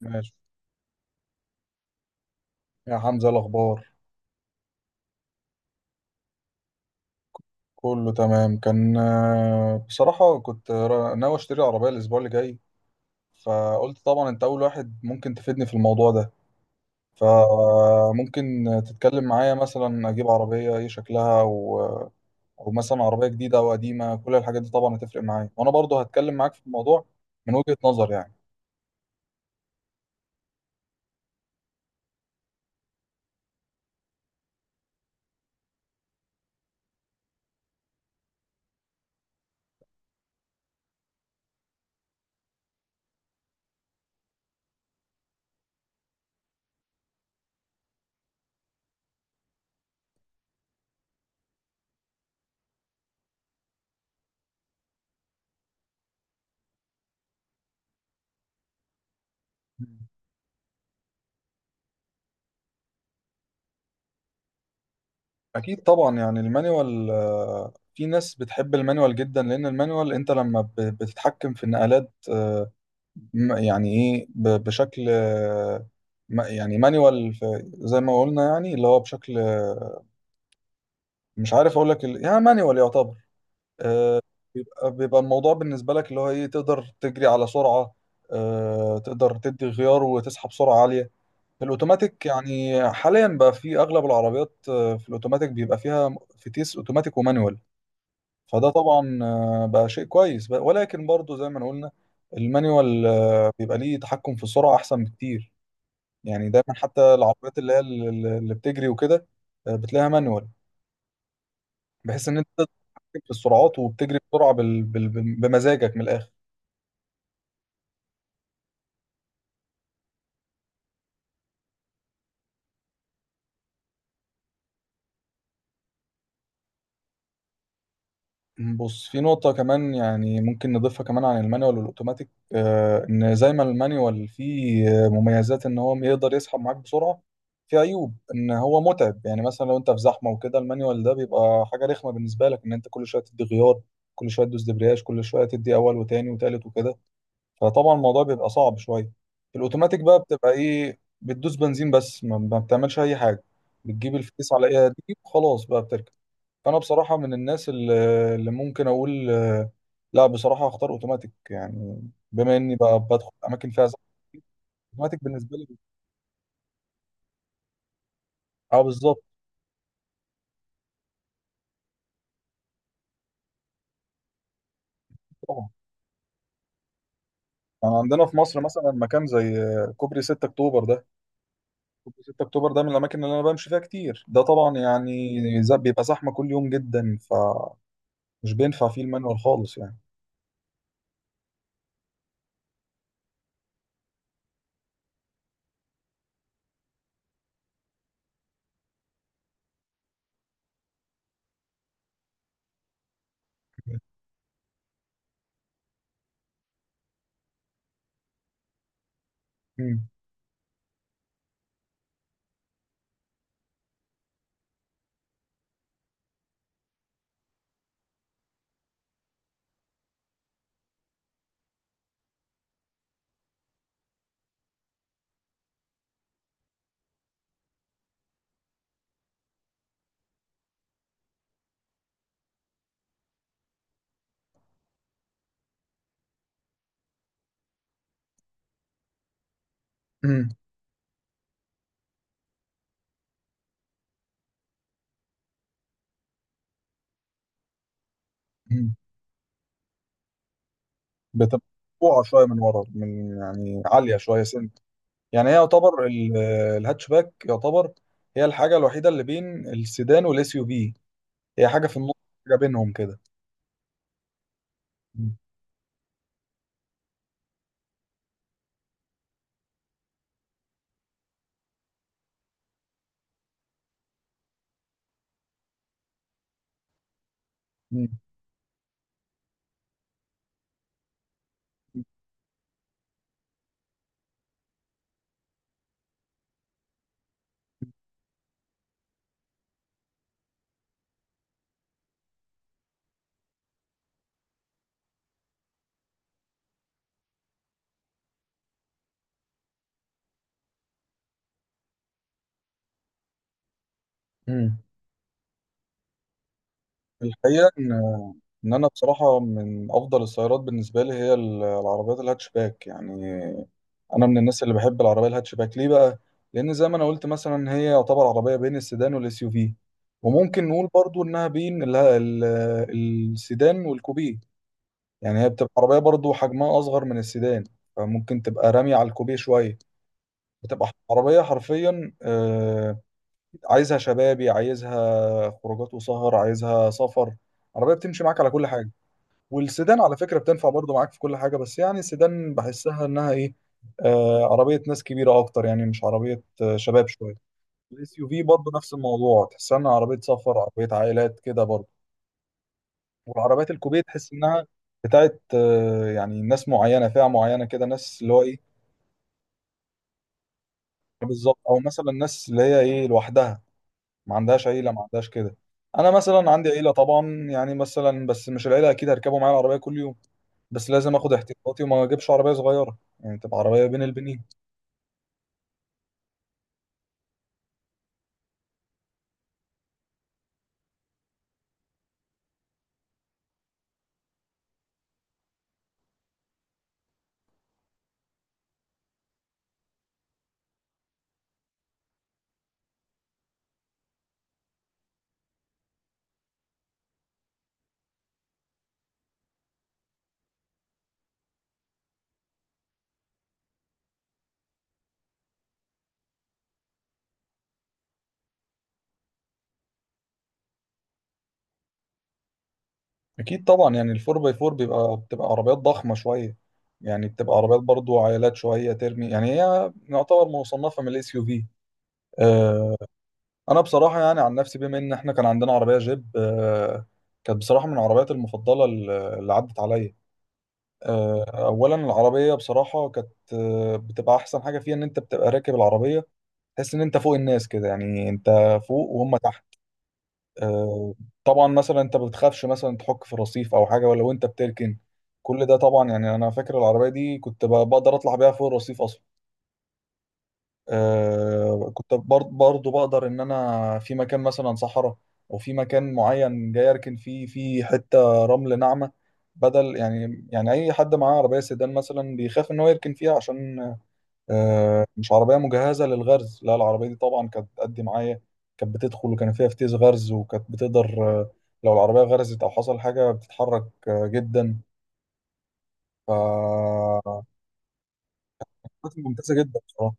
ماشي. يا حمزة، إيه الأخبار؟ كله تمام. كان بصراحة كنت ناوي أشتري عربية الأسبوع اللي جاي. فقلت طبعا أنت أول واحد ممكن تفيدني في الموضوع ده. فممكن تتكلم معايا، مثلا أجيب عربية إيه شكلها أو مثلا عربية جديدة أو قديمة، كل الحاجات دي طبعا هتفرق معايا، وأنا برضو هتكلم معاك في الموضوع من وجهة نظر يعني. مم. أكيد طبعا، يعني المانيوال، في ناس بتحب المانيوال جدا، لأن المانيوال أنت لما بتتحكم في النقلات يعني ايه بشكل يعني مانيوال، زي ما قلنا، يعني اللي هو بشكل مش عارف اقول لك يعني مانيوال يعتبر آه، بيبقى الموضوع بالنسبه لك اللي هو ايه، تقدر تجري على سرعه، تقدر تدي غيار وتسحب سرعه عاليه. في الاوتوماتيك، يعني حاليا بقى في اغلب العربيات، في الاوتوماتيك بيبقى فيها فتيس اوتوماتيك ومانيوال. فده طبعا بقى شيء كويس ولكن برضو زي ما قلنا، المانيوال بيبقى ليه تحكم في السرعه احسن بكتير. يعني دايما حتى العربيات اللي هي اللي بتجري وكده، بتلاقيها مانوال، بحيث ان انت تقدر تتحكم في السرعات، وبتجري بسرعه بمزاجك من الاخر. بص، في نقطه كمان يعني ممكن نضيفها كمان عن المانيوال والاوتوماتيك، ان زي ما المانيوال فيه مميزات، ان هو يقدر يسحب معاك بسرعه، في عيوب ان هو متعب. يعني مثلا لو انت في زحمه وكده، المانيوال ده بيبقى حاجه رخمه بالنسبه لك، ان انت كل شويه تدي غيار، كل شويه تدوس دبرياج، كل شويه تدي اول وتاني وتالت وكده. فطبعا الموضوع بيبقى صعب شويه. الاوتوماتيك بقى بتبقى ايه؟ بتدوس بنزين بس، ما بتعملش اي حاجه، بتجيب الفتيس على ايدها دي وخلاص بقى بتركب. فانا بصراحه من الناس اللي ممكن اقول لا، بصراحه هختار اوتوماتيك يعني، بما اني بقى بدخل اماكن فيها زحمه. اوتوماتيك بالنسبه لي. اه، بالظبط. طبعا يعني عندنا في مصر مثلا مكان زي كوبري 6 اكتوبر ده، كوبري 6 اكتوبر ده من الاماكن اللي انا بمشي فيها كتير، ده طبعا يعني بيبقى زحمه كل يوم جدا، فمش بينفع فيه المانيوال خالص يعني. مم. مم. مم. بتبقى مرفوعة شوية من ورا، من يعني عالية شوية سنت، يعني هي يعتبر الهاتشباك يعتبر هي الحاجة الوحيدة اللي بين السيدان والاس يو في، هي حاجة في النص، حاجة بينهم كده. مم. مم. مم. الحقيقة إن أنا بصراحة من أفضل السيارات بالنسبة لي هي العربيات الهاتشباك يعني. انا من الناس اللي بحب العربيه الهاتشباك. ليه بقى؟ لان زي ما انا قلت مثلا، هي يعتبر عربيه بين السيدان والاس يو في، وممكن نقول برضو انها بين السيدان والكوبيه. يعني هي بتبقى عربيه برضو حجمها اصغر من السيدان، فممكن تبقى رامية على الكوبيه شويه. بتبقى عربيه حرفيا عايزها شبابي، عايزها خروجات وسهر، عايزها سفر، عربيه بتمشي معاك على كل حاجه. والسيدان، على فكرة، بتنفع برضو معاك في كل حاجة، بس يعني السيدان بحسها انها ايه، عربية ناس كبيرة اكتر، يعني مش عربية شباب شوية. الاس يو في برضو نفس الموضوع، تحسها انها عربية سفر، عربية عائلات كده برضو. والعربيات الكوبيه تحس انها بتاعت يعني ناس معينة، فئة معينة كده، ناس اللي هو ايه. بالظبط، او مثلا ناس اللي هي ايه لوحدها، ما عندهاش عيلة، ما عندهاش كده. انا مثلا عندي عيلة طبعا، يعني مثلا بس مش العيلة اكيد هركبوا معايا العربية كل يوم. بس لازم اخد احتياطاتي، وما اجيبش عربيه صغيره يعني تبقى عربيه بين البنين. اكيد طبعا، يعني الفور باي فور بتبقى عربيات ضخمه شويه، يعني بتبقى عربيات برضو عائلات شويه، ترمي يعني هي يعتبر مصنفه من الاس يو في. انا بصراحه يعني عن نفسي، بما ان احنا كان عندنا عربيه جيب كانت بصراحه من العربيات المفضله اللي عدت عليا. اولا العربيه بصراحه كانت بتبقى احسن حاجه فيها ان انت بتبقى راكب العربيه، تحس ان انت فوق الناس كده، يعني انت فوق وهم تحت. آه، طبعا مثلا انت ما بتخافش مثلا تحك في الرصيف او حاجه ولا، وانت بتركن. كل ده طبعا يعني، انا فاكر العربيه دي كنت بقدر اطلع بيها فوق الرصيف اصلا. كنت برضو بقدر ان انا في مكان مثلا صحراء، او في مكان معين جاي اركن فيه في حته رمل ناعمه، بدل يعني اي حد معاه عربيه سيدان مثلا بيخاف ان هو يركن فيها عشان مش عربية مجهزة للغرز. لا، العربية دي طبعا كانت بتأدي معايا، كانت بتدخل، وكان فيها فتيس غرز، وكانت بتقدر لو العربية غرزت أو حصل حاجة بتتحرك جدا. ف كانت ممتازة جدا بصراحة.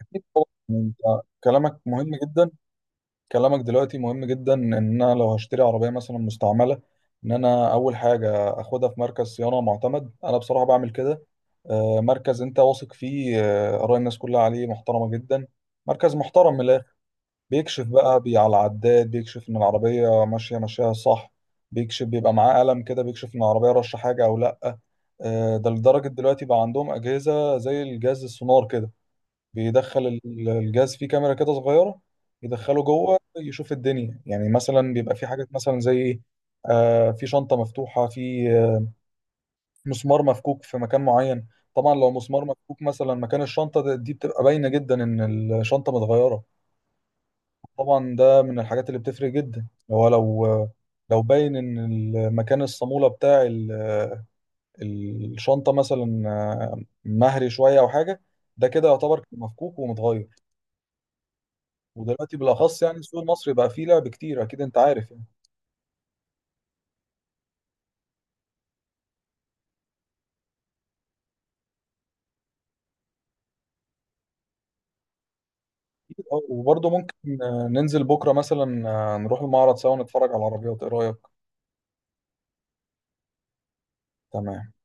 أكيد طبعا، أنت كلامك مهم جدا. كلامك دلوقتي مهم جدا، إن أنا لو هشتري عربية مثلا مستعملة، إن أنا أول حاجة أخدها في مركز صيانة معتمد. أنا بصراحة بعمل كده، مركز أنت واثق فيه، آراء الناس كلها عليه محترمة جدا، مركز محترم، بيكشف بقى على العداد، بيكشف ان العربية ماشية صح، بيكشف بيبقى معاه قلم كده بيكشف ان العربية رشة حاجة او لا. ده لدرجة دلوقتي بقى عندهم أجهزة زي الجهاز السونار كده، بيدخل الجهاز فيه كاميرا كده صغيرة، يدخله جوه يشوف الدنيا. يعني مثلا بيبقى في حاجات مثلا زي ايه، في شنطة مفتوحة، في مسمار مفكوك في مكان معين. طبعا لو مسمار مفكوك مثلا مكان الشنطة دي بتبقى باينة جدا إن الشنطة متغيرة. طبعا ده من الحاجات اللي بتفرق جدا. هو لو باين ان المكان الصامولة بتاع الشنطة مثلا مهري شوية او حاجة، ده كده يعتبر مفكوك ومتغير. ودلوقتي بالاخص يعني السوق المصري بقى فيه لعب كتير، اكيد انت عارف يعني. أكيد، وبرضه ممكن ننزل بكرة مثلا، نروح المعرض سوا نتفرج على العربيات. ايه رأيك؟ تمام.